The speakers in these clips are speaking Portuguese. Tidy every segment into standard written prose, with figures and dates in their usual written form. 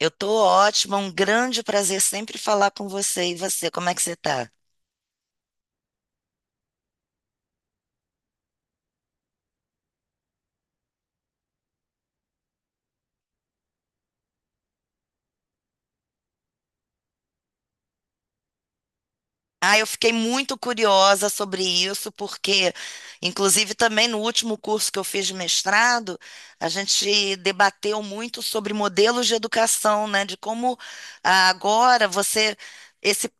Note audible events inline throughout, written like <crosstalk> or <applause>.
Eu tô ótima, um grande prazer sempre falar com você. E você, como é que você tá? Ah, eu fiquei muito curiosa sobre isso, porque, inclusive, também no último curso que eu fiz de mestrado, a gente debateu muito sobre modelos de educação, né? De como agora você. Esse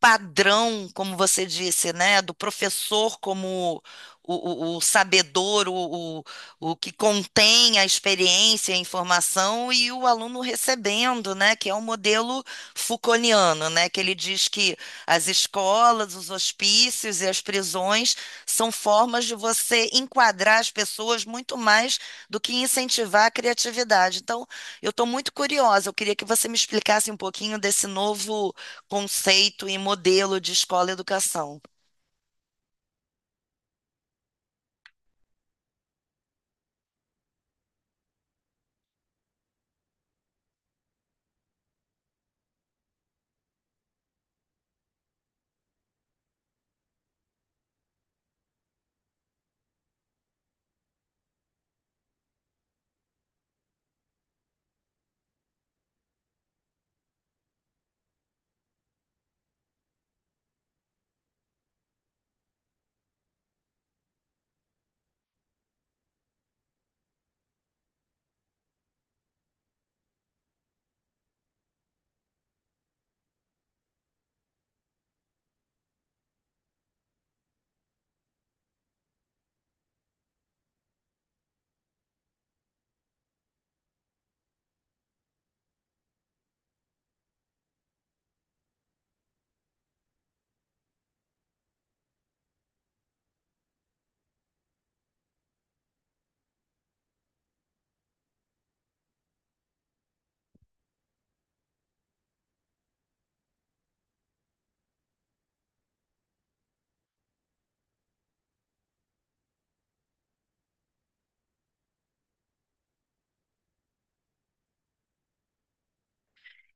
padrão, como você disse, né, do professor como o sabedor, o que contém a experiência, a informação, e o aluno recebendo, né, que é o modelo Foucaultiano, né, que ele diz que as escolas, os hospícios e as prisões são formas de você enquadrar as pessoas muito mais do que incentivar a criatividade. Então, eu estou muito curiosa, eu queria que você me explicasse um pouquinho desse novo conceito e modelo de escola e educação.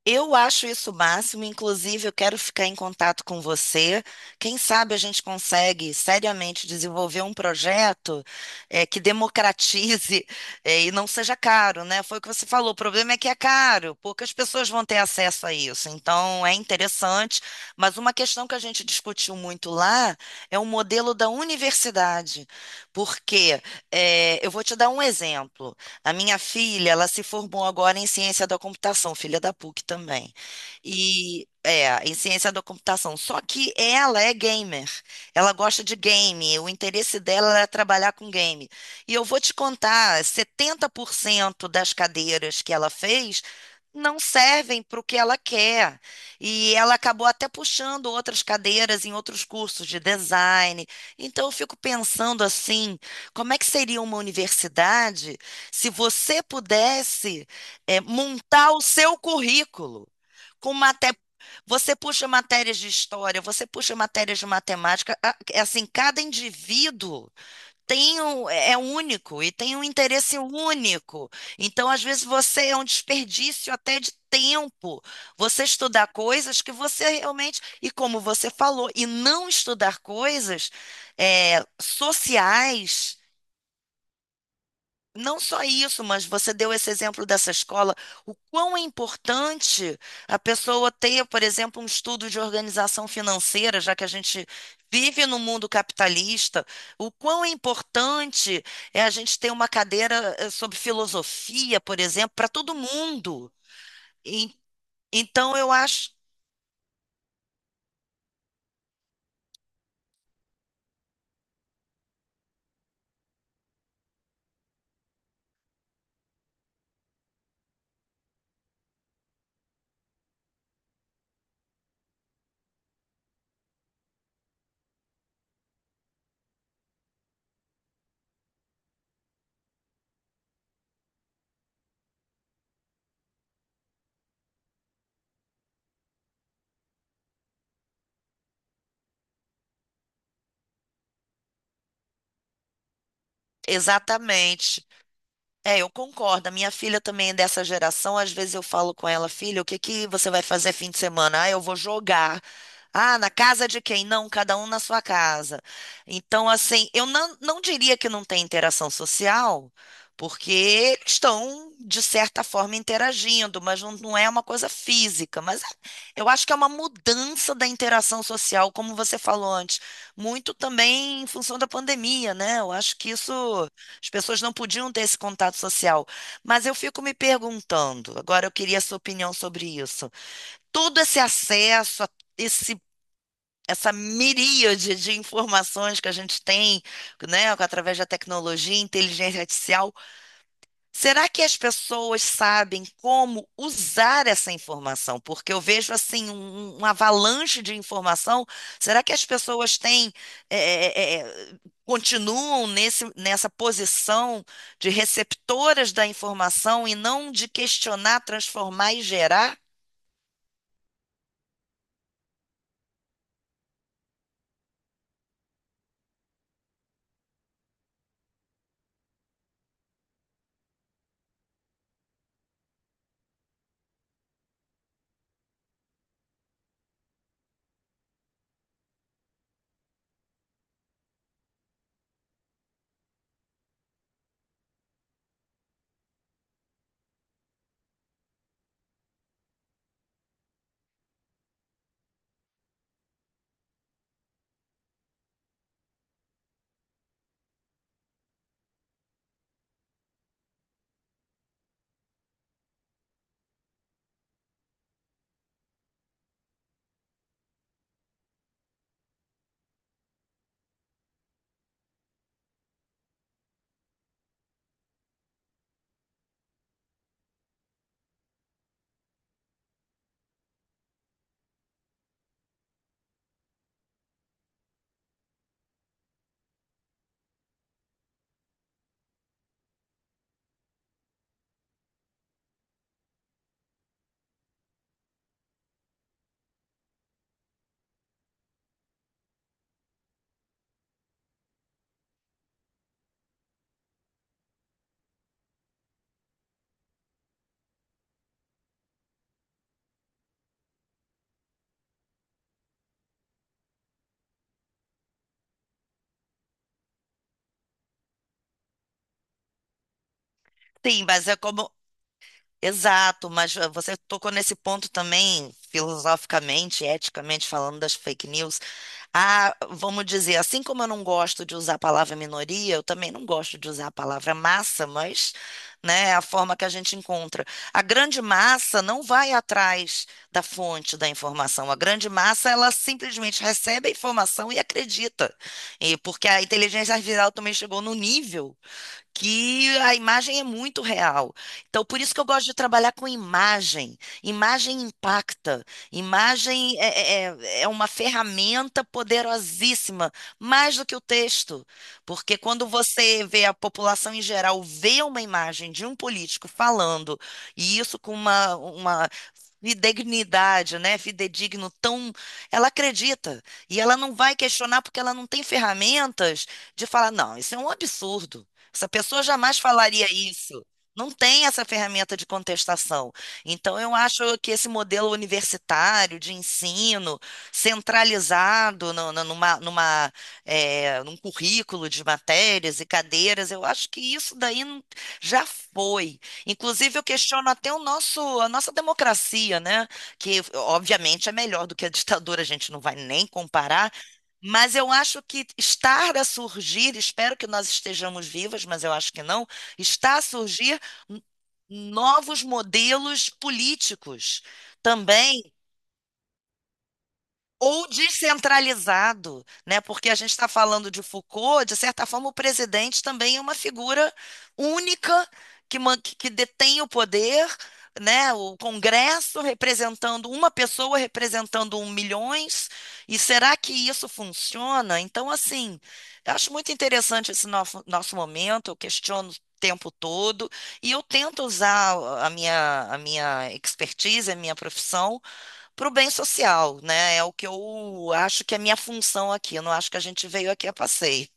Eu acho isso o máximo, inclusive eu quero ficar em contato com você. Quem sabe a gente consegue seriamente desenvolver um projeto que democratize <laughs> e não seja caro, né? Foi o que você falou, o problema é que é caro, poucas pessoas vão ter acesso a isso. Então é interessante, mas uma questão que a gente discutiu muito lá é o modelo da universidade, porque eu vou te dar um exemplo. A minha filha, ela se formou agora em ciência da computação, filha da PUC também. E é, em ciência da computação. Só que ela é gamer. Ela gosta de game. O interesse dela é trabalhar com game. E eu vou te contar, 70% das cadeiras que ela fez não servem para o que ela quer. E ela acabou até puxando outras cadeiras em outros cursos de design. Então eu fico pensando assim, como é que seria uma universidade? Se você pudesse, montar o seu currículo com maté... Você puxa matérias de história, você puxa matérias de matemática, a- é assim, cada indivíduo tem um, é único e tem um interesse único. Então, às vezes, você é um desperdício até de tempo. Você estudar coisas que você realmente, e como você falou, e não estudar coisas sociais, não só isso, mas você deu esse exemplo dessa escola, o quão é importante a pessoa ter, por exemplo, um estudo de organização financeira, já que a gente vive no mundo capitalista, o quão é importante é a gente ter uma cadeira sobre filosofia, por exemplo, para todo mundo. E- então, eu acho. Exatamente. É, eu concordo. A minha filha também é dessa geração. Às vezes eu falo com ela, filha, o que que você vai fazer fim de semana? Ah, eu vou jogar. Ah, na casa de quem? Não, cada um na sua casa. Então, assim, eu não diria que não tem interação social, porque eles estão, de certa forma, interagindo, mas não é uma coisa física. Eu acho que é uma mudança da interação social, como você falou antes, muito também em função da pandemia, né? Eu acho que isso. As pessoas não podiam ter esse contato social. Mas eu fico me perguntando, agora eu queria a sua opinião sobre isso. Todo esse acesso, a esse, essa miríade de informações que a gente tem, né, através da tecnologia, inteligência artificial. Será que as pessoas sabem como usar essa informação? Porque eu vejo assim um, um um avalanche de informação. Será que as pessoas têm eh, eh, eh, continuam nessa posição de receptoras da informação e não de questionar, transformar e gerar? Sim, mas é como Exato, mas você tocou nesse ponto também, filosoficamente, eticamente falando das fake news. Ah, vamos dizer, assim como eu não gosto de usar a palavra minoria, eu também não gosto de usar a palavra massa, mas, né, é a forma que a gente encontra. A grande massa não vai atrás da fonte da informação. A grande massa, ela simplesmente recebe a informação e acredita. E porque a inteligência artificial também chegou no nível que a imagem é muito real. Então, por isso que eu gosto de trabalhar com imagem. Imagem impacta. Imagem é uma ferramenta poderosíssima, mais do que o texto. Porque quando você vê a população em geral vê uma imagem de um político falando, e isso com uma fidedignidade, né? Fidedigno tão. Ela acredita. E ela não vai questionar porque ela não tem ferramentas de falar, não, isso é um absurdo. Essa pessoa jamais falaria isso. Não tem essa ferramenta de contestação. Então, eu acho que esse modelo universitário de ensino centralizado no- no- numa, numa, eh, num currículo de matérias e cadeiras, eu acho que isso daí já foi. Inclusive, eu questiono até o nosso, a nossa democracia, né? Que, obviamente, é melhor do que a ditadura, a gente não vai nem comparar, mas eu acho que está a surgir, espero que nós estejamos vivas, mas eu acho que não, está a surgir n- novos modelos políticos também ou descentralizado, né? Porque a gente está falando de Foucault, de certa forma, o presidente também é uma figura única que, que detém o poder, né? O Congresso representando uma pessoa, representando um milhões. E será que isso funciona? Então, assim, eu acho muito interessante esse nosso, nosso momento, eu questiono o tempo todo e eu tento usar a minha expertise, a minha profissão para o bem social, né? É o que eu acho que é minha função aqui. Eu não acho que a gente veio aqui a passeio.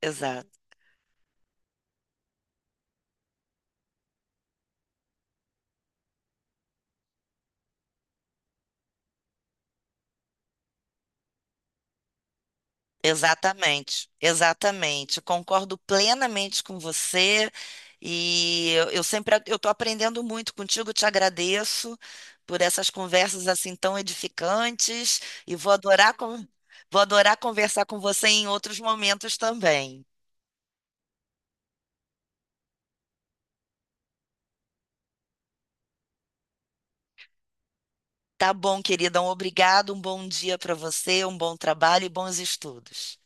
Exato. Exatamente, exatamente. Concordo plenamente com você e eu sempre eu estou aprendendo muito contigo. Te agradeço por essas conversas assim tão edificantes e vou adorar conversar com você em outros momentos também. Tá bom, querida. Um obrigado, um bom dia para você, um bom trabalho e bons estudos.